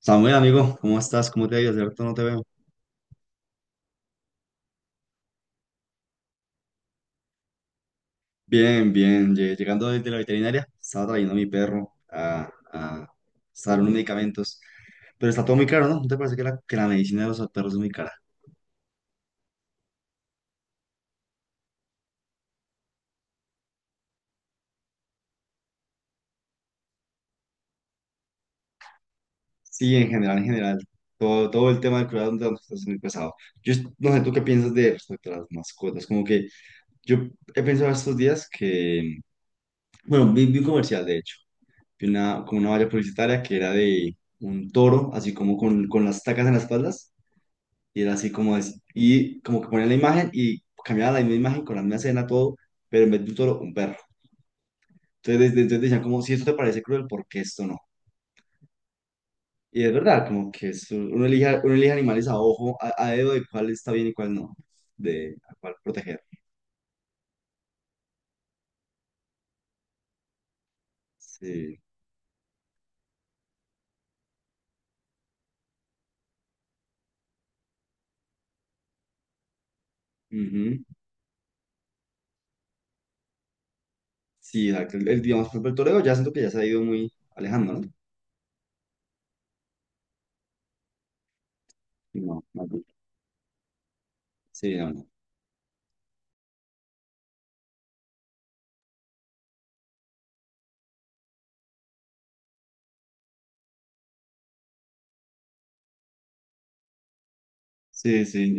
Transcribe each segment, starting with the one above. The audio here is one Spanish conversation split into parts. Samuel, amigo, ¿cómo estás? ¿Cómo te ha ido? Hace rato no te veo. Bien, bien. Llegando desde la veterinaria, estaba trayendo a mi perro a usar unos medicamentos. Pero está todo muy caro, ¿no? ¿No te parece que que la medicina de los perros es muy cara? Sí, en general, en general. Todo el tema del cuidado de los perros es muy pesado. No sé, ¿tú qué piensas de respecto a las mascotas? Como que yo he pensado estos días que Bueno, vi un comercial, de hecho. Vi una, como una valla publicitaria que era de un toro, así como con las tacas en las espaldas. Y era así como es. Y como que ponían la imagen y cambiaba la misma imagen con la misma escena, todo, pero en vez de un toro, un perro. Entonces decían como, si esto te parece cruel, ¿por qué esto no? Y es verdad, como que uno elige animales a ojo, a dedo de cuál está bien y cuál no, de a cuál proteger. Sí. ujú. Sí, exacto. Digamos, por ejemplo, el toreo ya siento que ya se ha ido muy alejando, ¿no? No, más bien. Sí, no, no. Sí, sí.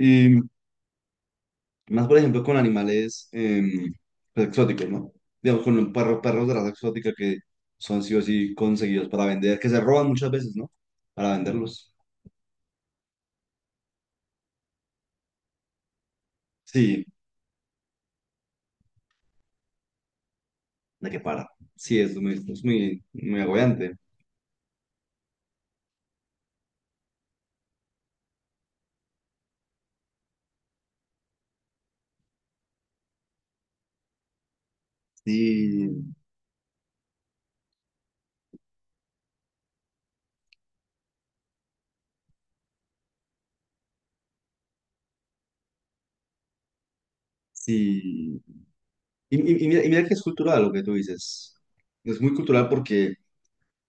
Más, por ejemplo, con animales pues, exóticos, ¿no? Digamos, con un perro, perros de raza exótica que son sí o sí conseguidos para vender, que se roban muchas veces, ¿no? Para venderlos. Sí, de que para. Sí, es muy, muy agobiante. Sí, sí. Y mira que es cultural lo que tú dices. Es muy cultural porque,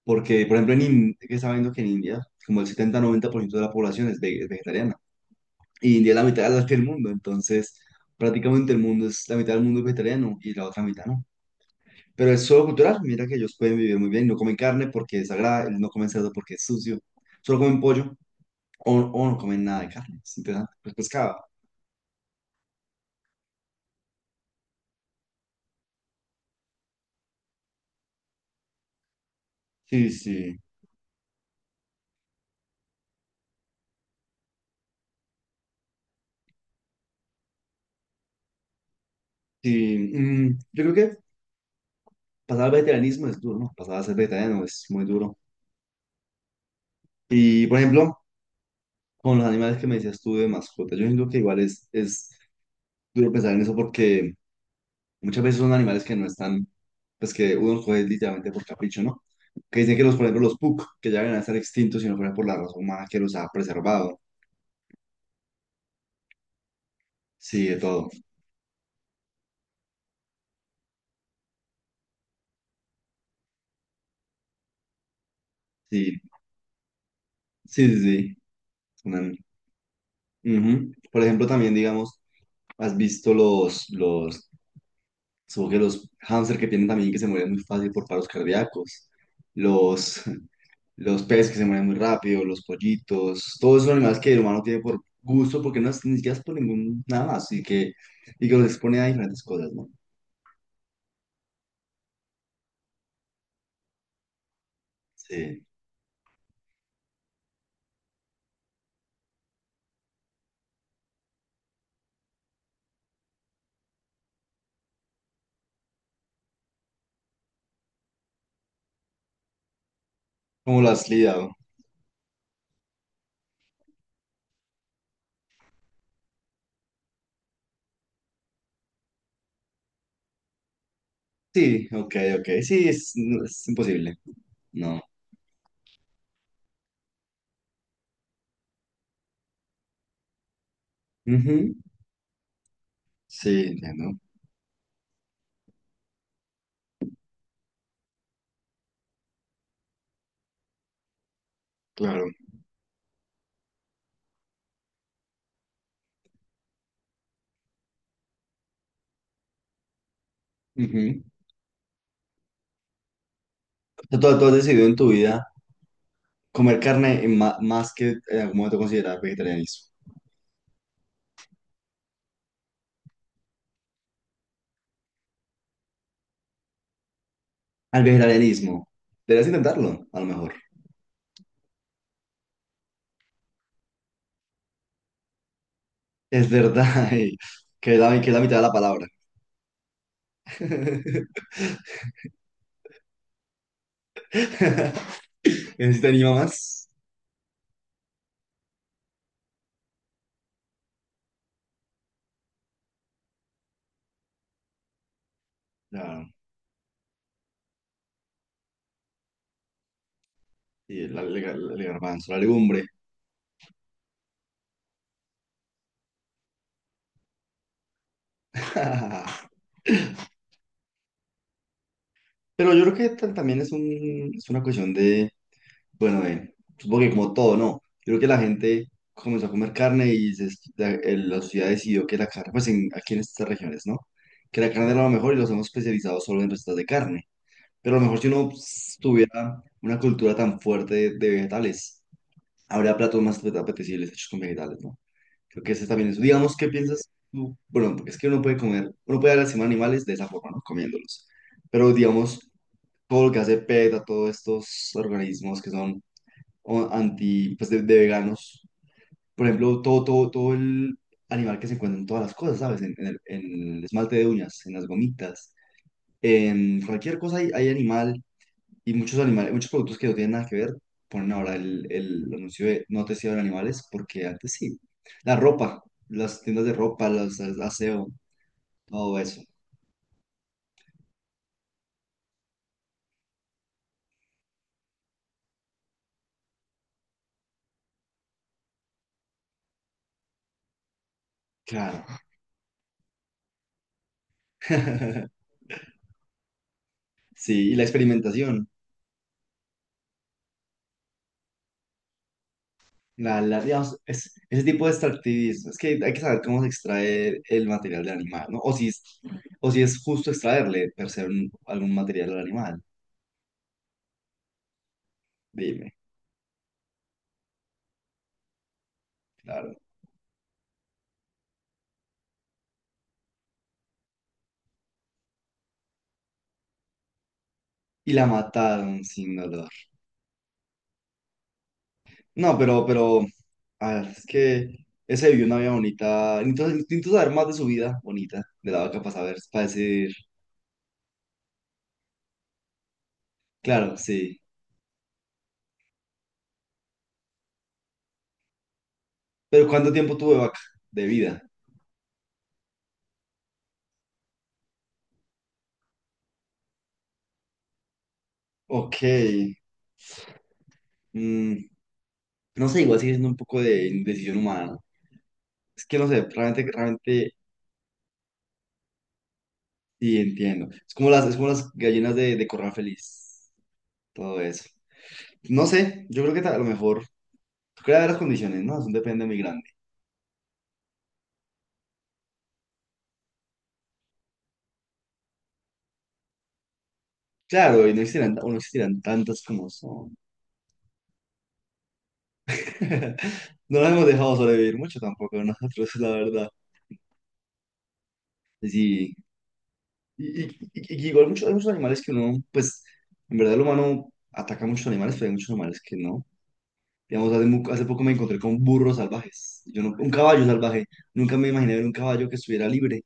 porque por ejemplo, en India, que está viendo que en India, como el 70 90% de la población es vegetariana. Y India es la mitad de la que el mundo, entonces prácticamente el mundo es la mitad del mundo es vegetariano y la otra mitad no. Pero es solo cultural, mira que ellos pueden vivir muy bien, no comen carne porque es sagrada, no comen cerdo porque es sucio, solo comen pollo o, o no comen nada de carne, es interesante, pues pescado. Sí, sí, sí. Yo creo que pasar al vegetarianismo es duro, ¿no? Pasar a ser vegetariano es muy duro. Y, por ejemplo, con los animales que me decías tú de mascota, yo siento que igual es duro pensar en eso porque muchas veces son animales que no están, pues que uno los coge literalmente por capricho, ¿no? Que dicen que los, por ejemplo, los puk, que ya deben estar extintos si no fuera por la raza humana que los ha preservado. Sí, de todo. Sí, sí, sí, sí. Una. Ujú. Por ejemplo, también, digamos, has visto supongo que los hámster que tienen también que se mueren muy fácil por paros cardíacos. Los, los peces que se mueren muy rápido, los pollitos, todos esos animales que el humano tiene por gusto, porque no es ni siquiera es por ningún nada más, y que los expone a diferentes cosas, ¿no? Sí. ¿Cómo lo has lidiado? Sí, ok, ok, sí, es, no, es imposible, no. Ujú. Sí, entiendo, claro. Ujú. O sea, tú has decidido en tu vida comer carne en más que en algún momento considerar vegetarianismo. Al vegetarianismo, deberías intentarlo, a lo mejor. Es verdad, ey, que es que es la mitad de la palabra. Necesitaría más. Claro. Y el garbanzo, la legumbre. Pero yo creo que también es una cuestión de, bueno, de, supongo que como todo, ¿no? Yo creo que la gente comenzó a comer carne y la sociedad decidió que la carne, pues en, aquí en estas regiones, ¿no? Que la carne era lo mejor y los hemos especializado solo en recetas de carne. Pero a lo mejor si uno pues, tuviera una cultura tan fuerte de vegetales, habría platos más apetecibles hechos con vegetales, ¿no? Creo que ese también es. Digamos, ¿qué piensas tú? Bueno, porque es que uno puede comer, uno puede dar encima a animales de esa forma, ¿no? Comiéndolos. Pero digamos, todo lo que hace PETA, todos estos organismos que son anti, pues de veganos, por ejemplo, todo el animal que se encuentra en todas las cosas, ¿sabes? En el esmalte de uñas, en las gomitas, en cualquier cosa hay, hay animal. Y muchos animales, muchos productos que no tienen nada que ver, ponen ahora el anuncio de no testearon animales, porque antes sí. La ropa, las tiendas de ropa, los, el aseo, todo eso. Claro. Sí, y la experimentación. Digamos, ese tipo de extractivismo. Es que hay que saber cómo se extrae el material del animal, ¿no? O si es justo extraerle per se algún material al animal. Dime, claro. Y la mataron sin dolor. No, ah, es que ese vivió una vida bonita. Entonces, necesito saber más de su vida bonita, de la vaca, para saber, para decir, claro, sí. Pero ¿cuánto tiempo tuvo de vaca? De vida. Ok. Mm, no sé, igual sigue siendo un poco de indecisión humana, ¿no? Es que no sé, realmente, realmente, sí entiendo. Es como es como las gallinas de corral feliz, todo eso. No sé, yo creo que a lo mejor, creo que las condiciones, ¿no? Es un depende muy grande. Claro, y no existirán, o no existirán tantas como son. No nos hemos dejado sobrevivir mucho tampoco nosotros, la verdad. Sí, y igual muchos, hay muchos animales que uno, pues, en verdad el humano ataca a muchos animales, pero hay muchos animales que no. Digamos, hace poco me encontré con burros salvajes. Yo no, un caballo salvaje. Nunca me imaginé ver un caballo que estuviera libre.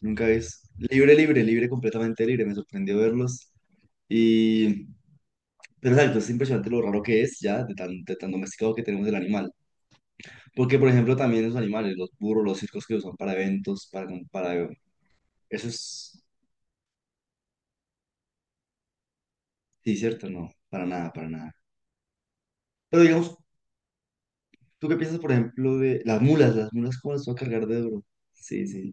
Nunca es. Libre, libre, libre, completamente libre. Me sorprendió verlos. Y, pero exacto, es impresionante lo raro que es ya, de tan domesticado que tenemos el animal. Porque, por ejemplo, también los animales, los burros, los circos que usan para eventos, para... Eso es... Sí, cierto, no, para nada, para nada. Pero digamos, ¿tú qué piensas, por ejemplo, de las mulas? Las mulas, ¿cómo las va a cargar de duro? Sí, sí.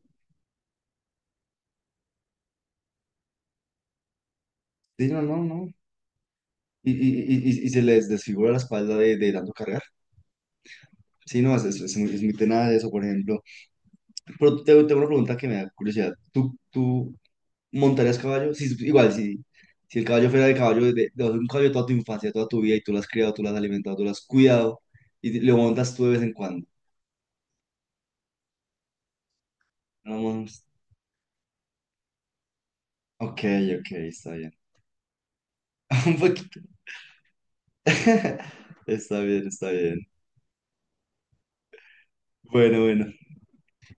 Sí, no, no, no. Y se les desfigura la espalda de tanto cargar. Sí, no, es muy tenaz eso, por ejemplo. Pero tengo una pregunta que me da curiosidad. ¿Tú, tú ¿montarías caballo? Si, igual, si, si el caballo fuera de caballo, de un caballo toda tu infancia, toda tu vida, y tú lo has criado, tú lo has alimentado, tú lo has cuidado, y lo montas tú de vez en cuando. Vamos. Ok, ok, está bien. Un poquito. Está bien, está bien. Bueno, bueno.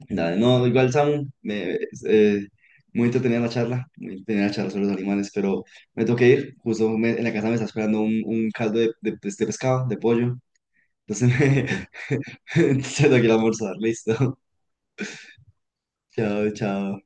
Dale, no, igual, Samu, me, eh, muy entretenida la charla, muy entretenida la charla sobre los animales, pero me tengo que ir. Justo en la casa me está esperando un caldo de de este pescado, de pollo. Entonces me, se tengo que ir a almorzar, listo. Chao, chao.